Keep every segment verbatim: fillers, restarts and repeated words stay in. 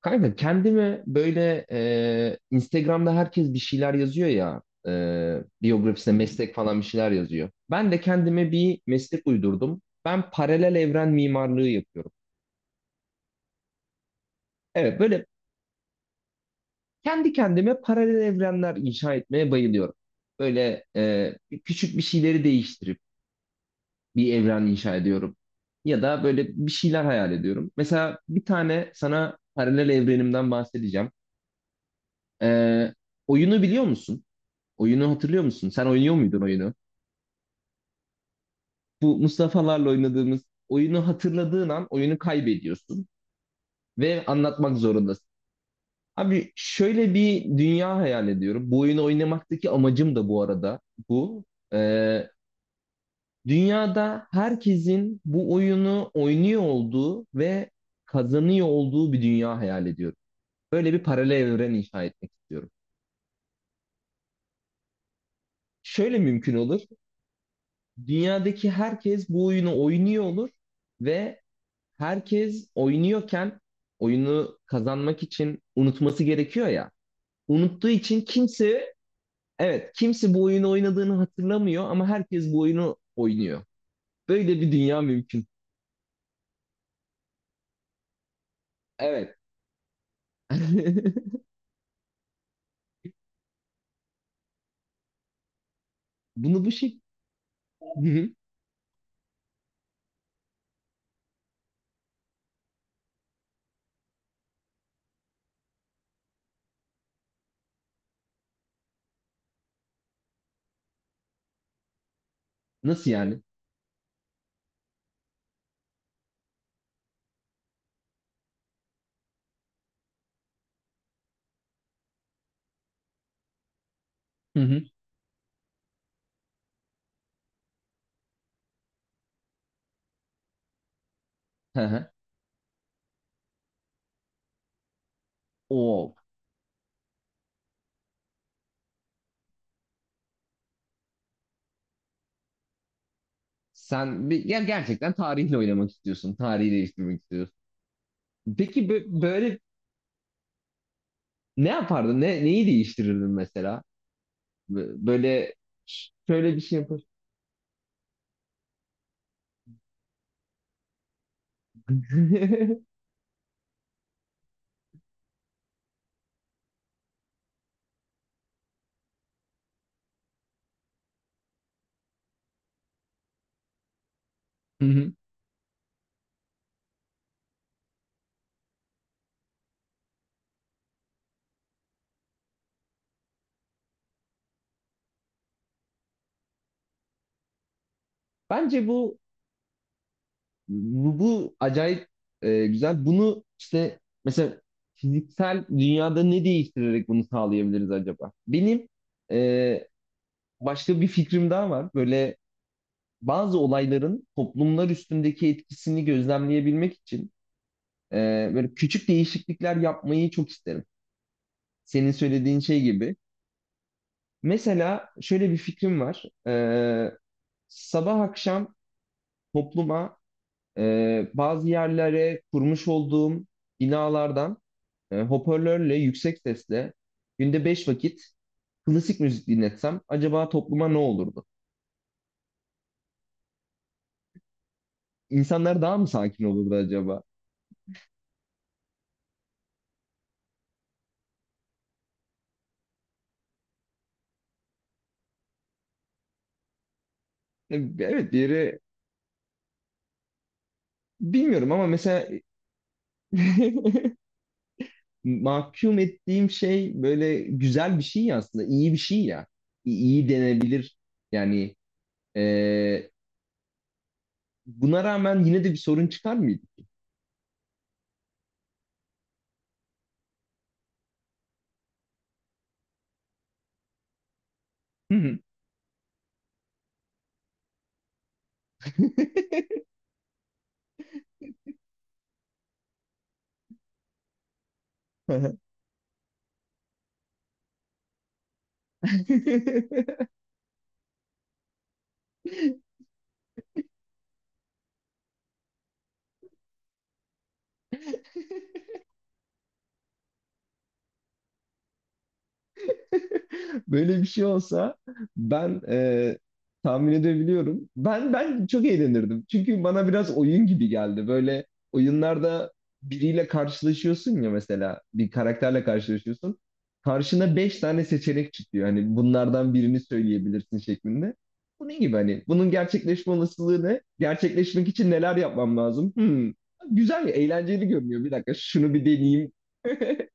Kanka kendime böyle e, Instagram'da herkes bir şeyler yazıyor ya, e, biyografisine meslek falan bir şeyler yazıyor. Ben de kendime bir meslek uydurdum. Ben paralel evren mimarlığı yapıyorum. Evet, böyle kendi kendime paralel evrenler inşa etmeye bayılıyorum. Böyle e, küçük bir şeyleri değiştirip bir evren inşa ediyorum. Ya da böyle bir şeyler hayal ediyorum. Mesela bir tane sana paralel evrenimden bahsedeceğim. E, Oyunu biliyor musun? Oyunu hatırlıyor musun? Sen oynuyor muydun oyunu? Bu Mustafa'larla oynadığımız oyunu hatırladığın an oyunu kaybediyorsun ve anlatmak zorundasın. Abi şöyle bir dünya hayal ediyorum. Bu oyunu oynamaktaki amacım da bu arada bu. Ee, dünyada herkesin bu oyunu oynuyor olduğu ve kazanıyor olduğu bir dünya hayal ediyorum. Böyle bir paralel evren inşa etmek istiyorum. Şöyle mümkün olur. Dünyadaki herkes bu oyunu oynuyor olur ve herkes oynuyorken oyunu kazanmak için unutması gerekiyor ya. Unuttuğu için kimse, evet, kimse bu oyunu oynadığını hatırlamıyor ama herkes bu oyunu oynuyor. Böyle bir dünya mümkün. Evet. Bunu bu şey. Hı hı. Nasıl yani? Hı hı. Hı hı. Oo. Sen bir, ya gerçekten tarihle oynamak istiyorsun. Tarihi değiştirmek istiyorsun. Peki bö- böyle ne yapardın? Ne, neyi değiştirirdin mesela? Bö- Böyle ş- şöyle bir şey yapar. Bence bu, bu, bu acayip e, güzel. Bunu işte mesela fiziksel dünyada ne değiştirerek bunu sağlayabiliriz acaba? Benim e, başka bir fikrim daha var. Böyle bazı olayların toplumlar üstündeki etkisini gözlemleyebilmek için e, böyle küçük değişiklikler yapmayı çok isterim. Senin söylediğin şey gibi. Mesela şöyle bir fikrim var. E, sabah akşam topluma, e, bazı yerlere kurmuş olduğum binalardan e, hoparlörle yüksek sesle günde beş vakit klasik müzik dinletsem acaba topluma ne olurdu? İnsanlar daha mı sakin olurdu acaba? E, Evet, bir yere bilmiyorum ama mesela mahkum ettiğim şey böyle güzel bir şey ya, aslında iyi bir şey ya. İ- iyi denebilir yani, e, buna rağmen yine de bir sorun çıkar mıydı? Hı hı. Böyle bir şey olsa ben e, tahmin edebiliyorum. Ben ben çok eğlenirdim. Çünkü bana biraz oyun gibi geldi. Böyle oyunlarda biriyle karşılaşıyorsun ya, mesela bir karakterle karşılaşıyorsun. Karşına beş tane seçenek çıkıyor. Hani bunlardan birini söyleyebilirsin şeklinde. Bu ne gibi, hani bunun gerçekleşme olasılığı ne? Gerçekleşmek için neler yapmam lazım? Hmm. Güzel, eğlenceli görünüyor. Bir dakika, şunu bir deneyeyim.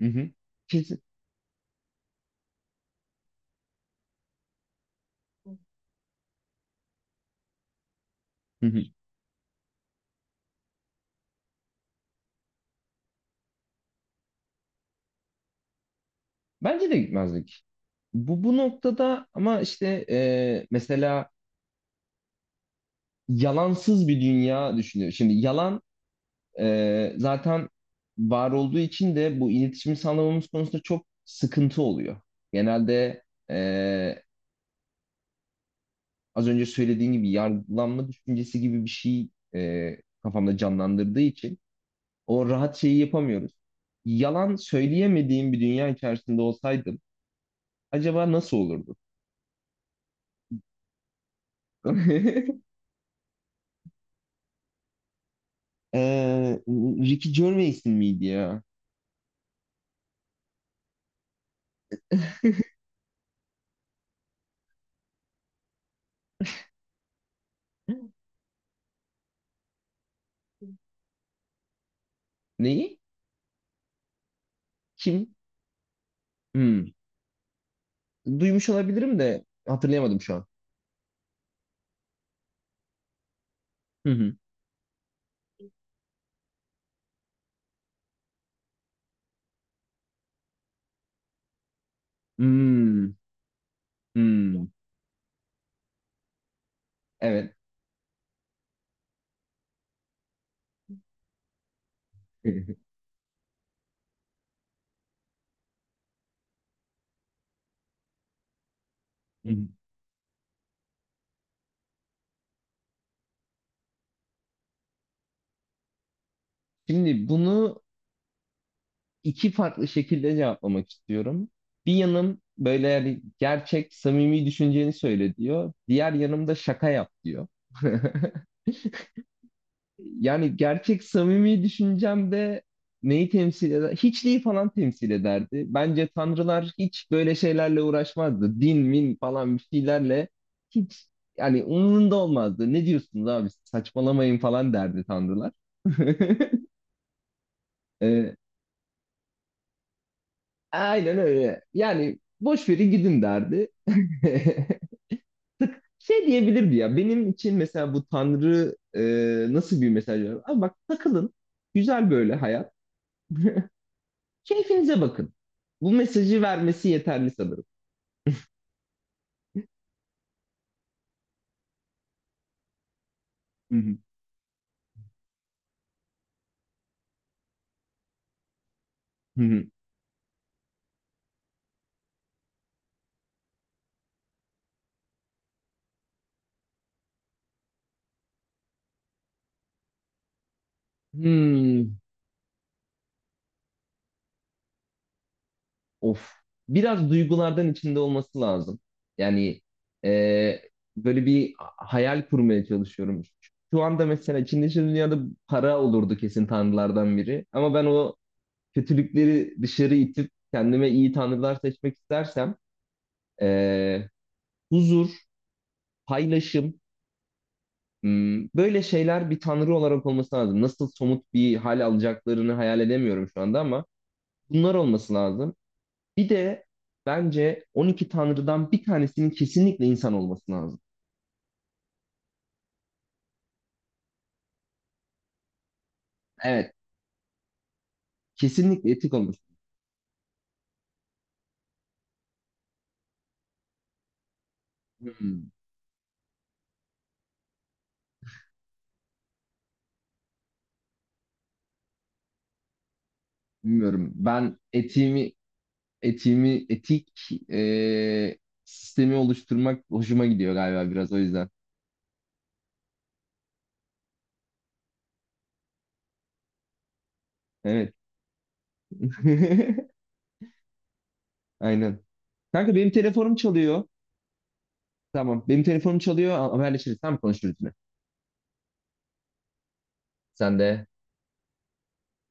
Hı hı. Kesin. Bence de gitmezdik. Bu bu noktada ama işte e, mesela yalansız bir dünya düşünüyor. Şimdi yalan e, zaten var olduğu için de bu iletişimi sağlamamız konusunda çok sıkıntı oluyor. Genelde e, az önce söylediğim gibi yargılanma düşüncesi gibi bir şey e, kafamda canlandırdığı için o rahat şeyi yapamıyoruz. Yalan söyleyemediğim bir dünya içerisinde olsaydım acaba nasıl olurdu? Ee, Ricky Gervais'in miydi ya? Neyi? Kim? Hmm. Duymuş olabilirim de hatırlayamadım şu an. Hı hı. Hmm. Hmm. Evet. Şimdi bunu iki farklı şekilde cevaplamak istiyorum. Bir yanım böyle yani gerçek, samimi düşünceni söyle diyor. Diğer yanım da şaka yap diyor. Yani gerçek samimi düşüncemde neyi temsil eder? Hiçliği falan temsil ederdi. Bence tanrılar hiç böyle şeylerle uğraşmazdı. Din, min falan bir şeylerle hiç, yani umurunda olmazdı. Ne diyorsunuz abi, saçmalamayın falan derdi tanrılar. Ee, aynen öyle. Yani boş verin gidin derdi. Şey diyebilirdi ya, benim için mesela bu tanrı e, nasıl bir mesaj veriyor? Abi bak, takılın, güzel böyle hayat. Keyfinize bakın. Bu mesajı vermesi yeterli sanırım. Hı hı. Hı hı. Hmm, of. Biraz duygulardan içinde olması lazım. Yani e, böyle bir hayal kurmaya çalışıyorum. Şu anda mesela içinde şu dünyada para olurdu kesin, tanrılardan biri. Ama ben o kötülükleri dışarı itip kendime iyi tanrılar seçmek istersem e, huzur, paylaşım, Hmm, böyle şeyler bir tanrı olarak olması lazım. Nasıl somut bir hal alacaklarını hayal edemiyorum şu anda ama bunlar olması lazım. Bir de bence on iki tanrıdan bir tanesinin kesinlikle insan olması lazım. Evet, kesinlikle etik olması. Hmm, bilmiyorum. Ben etiğimi etiğimi etik eee, sistemi oluşturmak hoşuma gidiyor galiba, biraz o yüzden. Evet. Aynen. Kanka benim telefonum çalıyor. Tamam. Benim telefonum çalıyor. Haberleşiriz. Tamam, konuşuruz yine. Sen de